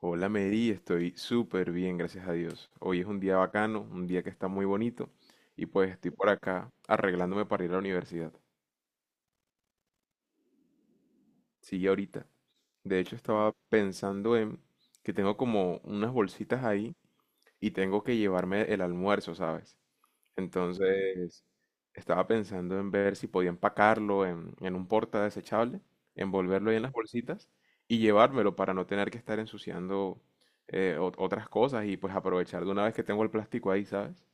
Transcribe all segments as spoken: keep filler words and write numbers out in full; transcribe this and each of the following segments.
Hola Mary, estoy súper bien, gracias a Dios. Hoy es un día bacano, un día que está muy bonito y pues estoy por acá arreglándome para ir a la universidad. Sí, ahorita. De hecho estaba pensando en que tengo como unas bolsitas ahí y tengo que llevarme el almuerzo, ¿sabes? Entonces, estaba pensando en ver si podía empacarlo en, en un porta desechable, envolverlo ahí en las bolsitas y llevármelo para no tener que estar ensuciando eh, ot- otras cosas y pues aprovechar de una vez que tengo el plástico ahí, ¿sabes?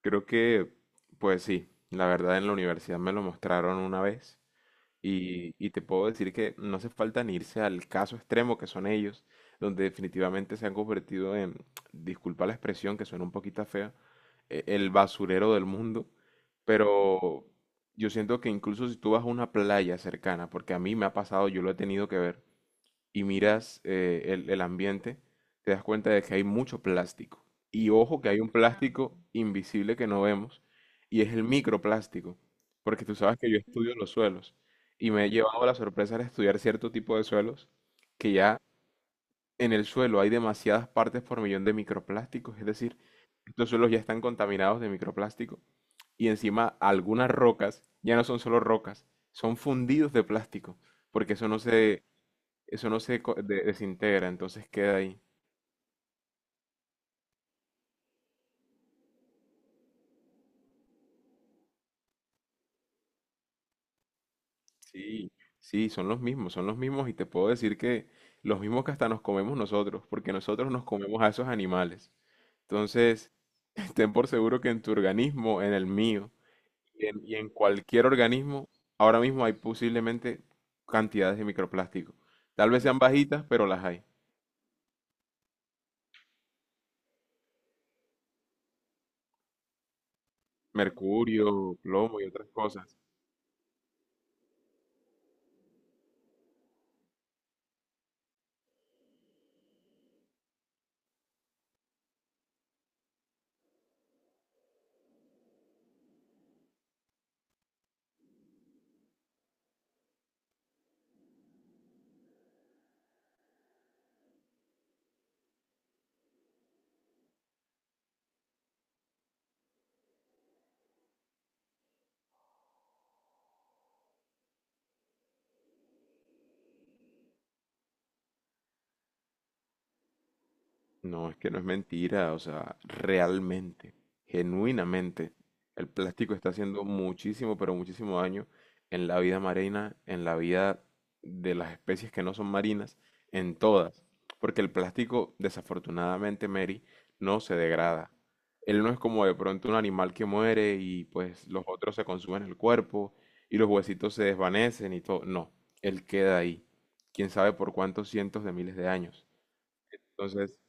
Creo que, pues sí, la verdad en la universidad me lo mostraron una vez. Y, y te puedo decir que no hace falta ni irse al caso extremo que son ellos, donde definitivamente se han convertido en, disculpa la expresión que suena un poquito fea, e- el basurero del mundo. Pero yo siento que incluso si tú vas a una playa cercana, porque a mí me ha pasado, yo lo he tenido que ver, y miras eh, el, el ambiente, te das cuenta de que hay mucho plástico. Y ojo que hay un plástico invisible que no vemos y es el microplástico, porque tú sabes que yo estudio los suelos y me he llevado la sorpresa de estudiar cierto tipo de suelos que ya en el suelo hay demasiadas partes por millón de microplásticos, es decir, estos suelos ya están contaminados de microplástico y encima algunas rocas ya no son solo rocas, son fundidos de plástico, porque eso no se eso no se co- de- desintegra, entonces queda ahí. Sí, sí, son los mismos, son los mismos y te puedo decir que los mismos que hasta nos comemos nosotros, porque nosotros nos comemos a esos animales. Entonces, ten por seguro que en tu organismo, en el mío y en, y en cualquier organismo, ahora mismo hay posiblemente cantidades de microplástico. Tal vez sean bajitas, pero las hay. Mercurio, plomo y otras cosas. No, es que no es mentira, o sea, realmente, genuinamente, el plástico está haciendo muchísimo, pero muchísimo daño en la vida marina, en la vida de las especies que no son marinas, en todas. Porque el plástico, desafortunadamente, Mary, no se degrada. Él no es como de pronto un animal que muere y pues los otros se consumen el cuerpo y los huesitos se desvanecen y todo. No, él queda ahí. Quién sabe por cuántos cientos de miles de años. Entonces,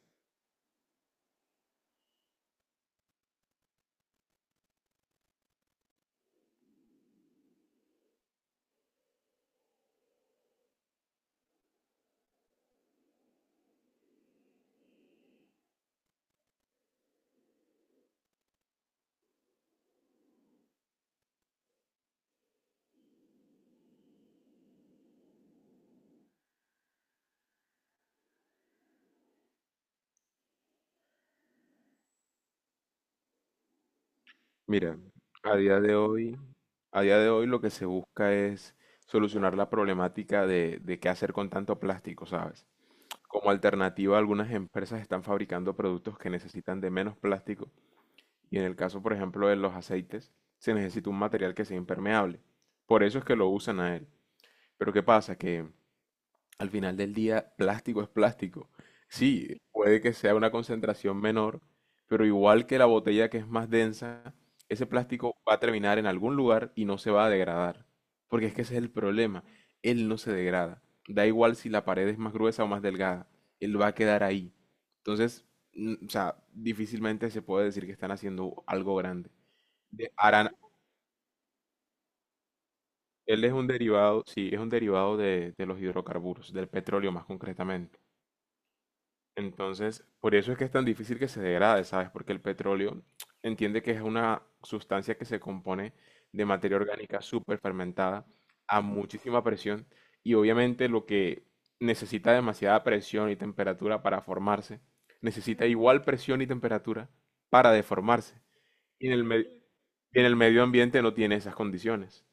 mira, a día de hoy, a día de hoy lo que se busca es solucionar la problemática de, de qué hacer con tanto plástico, ¿sabes? Como alternativa, algunas empresas están fabricando productos que necesitan de menos plástico y en el caso, por ejemplo, de los aceites, se necesita un material que sea impermeable. Por eso es que lo usan a él. Pero ¿qué pasa? Que al final del día, plástico es plástico. Sí, puede que sea una concentración menor, pero igual que la botella que es más densa, ese plástico va a terminar en algún lugar y no se va a degradar. Porque es que ese es el problema. Él no se degrada. Da igual si la pared es más gruesa o más delgada. Él va a quedar ahí. Entonces, mm, o sea, difícilmente se puede decir que están haciendo algo grande. De- harán- él es un derivado, sí, es un derivado de de los hidrocarburos, del petróleo más concretamente. Entonces, por eso es que es tan difícil que se degrade, ¿sabes? Porque el petróleo entiende que es una sustancia que se compone de materia orgánica súper fermentada a muchísima presión y obviamente lo que necesita demasiada presión y temperatura para formarse, necesita igual presión y temperatura para deformarse. Y en el me- y en el medio ambiente no tiene esas condiciones.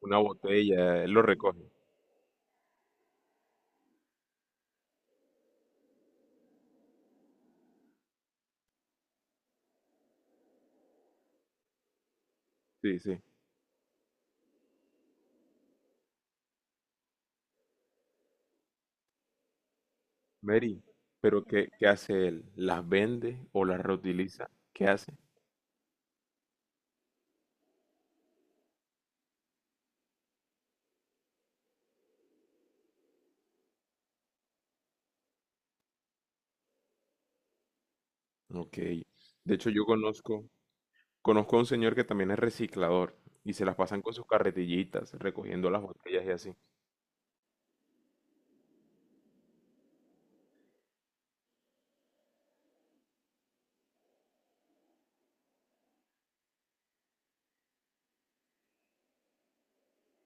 Una botella eh, lo recoge. Sí, sí. Mary, pero ¿qué, qué hace él? ¿Las vende o las reutiliza? ¿Qué hace? Ok. De hecho, yo conozco, conozco a un señor que también es reciclador y se las pasan con sus carretillitas, recogiendo las botellas y así.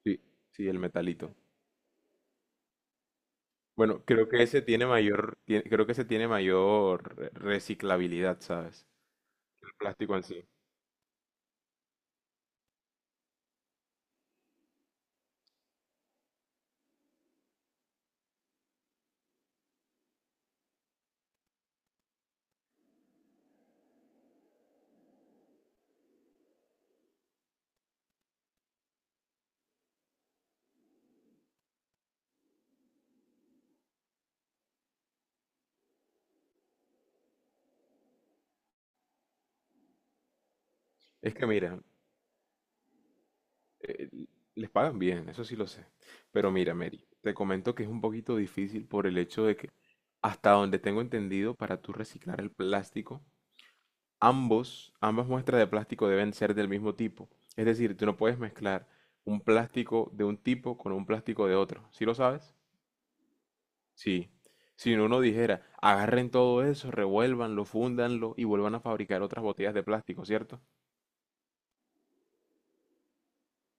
Sí, sí, el metalito. Bueno, creo que ese tiene mayor, tie- creo que ese tiene mayor re- reciclabilidad, ¿sabes? El plástico en sí. Es que mira, Eh, les pagan bien, eso sí lo sé. Pero mira, Mary, te comento que es un poquito difícil por el hecho de que, hasta donde tengo entendido, para tú reciclar el plástico, ambos, ambas muestras de plástico deben ser del mismo tipo. Es decir, tú no puedes mezclar un plástico de un tipo con un plástico de otro. ¿Sí lo sabes? Sí. Si uno dijera, agarren todo eso, revuélvanlo, fúndanlo y vuelvan a fabricar otras botellas de plástico, ¿cierto?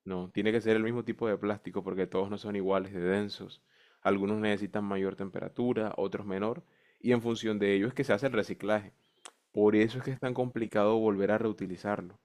No, tiene que ser el mismo tipo de plástico porque todos no son iguales de densos. Algunos necesitan mayor temperatura, otros menor, y en función de ello es que se hace el reciclaje. Por eso es que es tan complicado volver a reutilizarlo.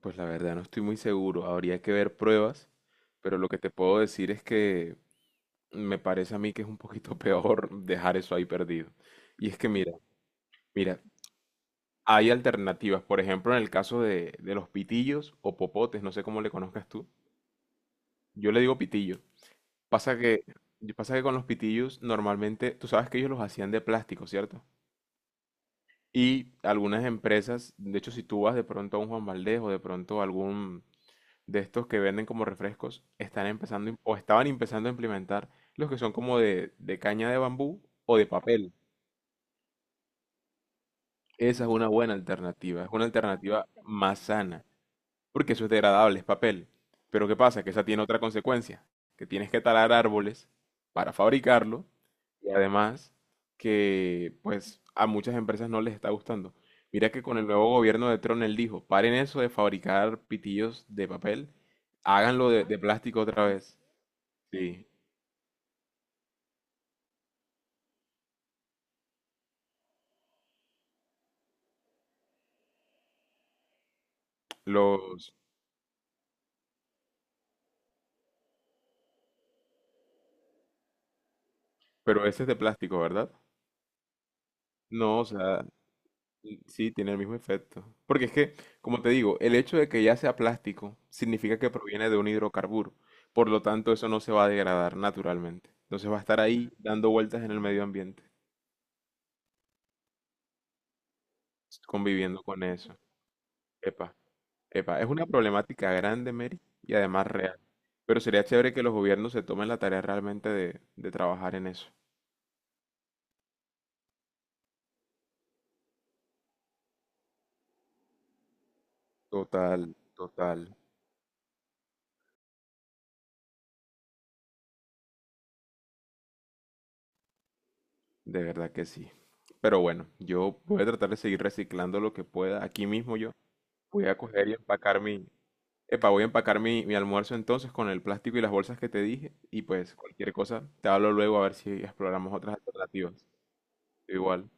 Pues la verdad no estoy muy seguro, habría que ver pruebas, pero lo que te puedo decir es que me parece a mí que es un poquito peor dejar eso ahí perdido. Y es que mira, mira, hay alternativas, por ejemplo, en el caso de, de los pitillos o popotes, no sé cómo le conozcas tú. Yo le digo pitillo. Pasa que, pasa que con los pitillos normalmente, tú sabes que ellos los hacían de plástico, ¿cierto? Y algunas empresas, de hecho si tú vas de pronto a un Juan Valdez o de pronto a algún de estos que venden como refrescos, están empezando im- o estaban empezando a implementar los que son como de, de caña de bambú o de papel. Esa es una buena alternativa, es una alternativa más sana. Porque eso es degradable, es papel. Pero ¿qué pasa? Que esa tiene otra consecuencia, que tienes que talar árboles para fabricarlo y además que pues a muchas empresas no les está gustando. Mira que con el nuevo gobierno de Trump él dijo, paren eso de fabricar pitillos de papel, háganlo de, de plástico otra vez. Sí, los. Pero ese es de plástico, ¿verdad? No, o sea, sí, tiene el mismo efecto. Porque es que, como te digo, el hecho de que ya sea plástico significa que proviene de un hidrocarburo. Por lo tanto, eso no se va a degradar naturalmente. Entonces va a estar ahí dando vueltas en el medio ambiente, conviviendo con eso. Epa, epa, es una problemática grande, Mary, y además real. Pero sería chévere que los gobiernos se tomen la tarea realmente de, de trabajar en eso. Total, total, de verdad que sí. Pero bueno, yo voy a tratar de seguir reciclando lo que pueda aquí mismo yo. Voy a coger y empacar mi. Epa, voy a empacar mi, mi almuerzo entonces con el plástico y las bolsas que te dije. Y pues cualquier cosa, te hablo luego a ver si exploramos otras alternativas. Igual.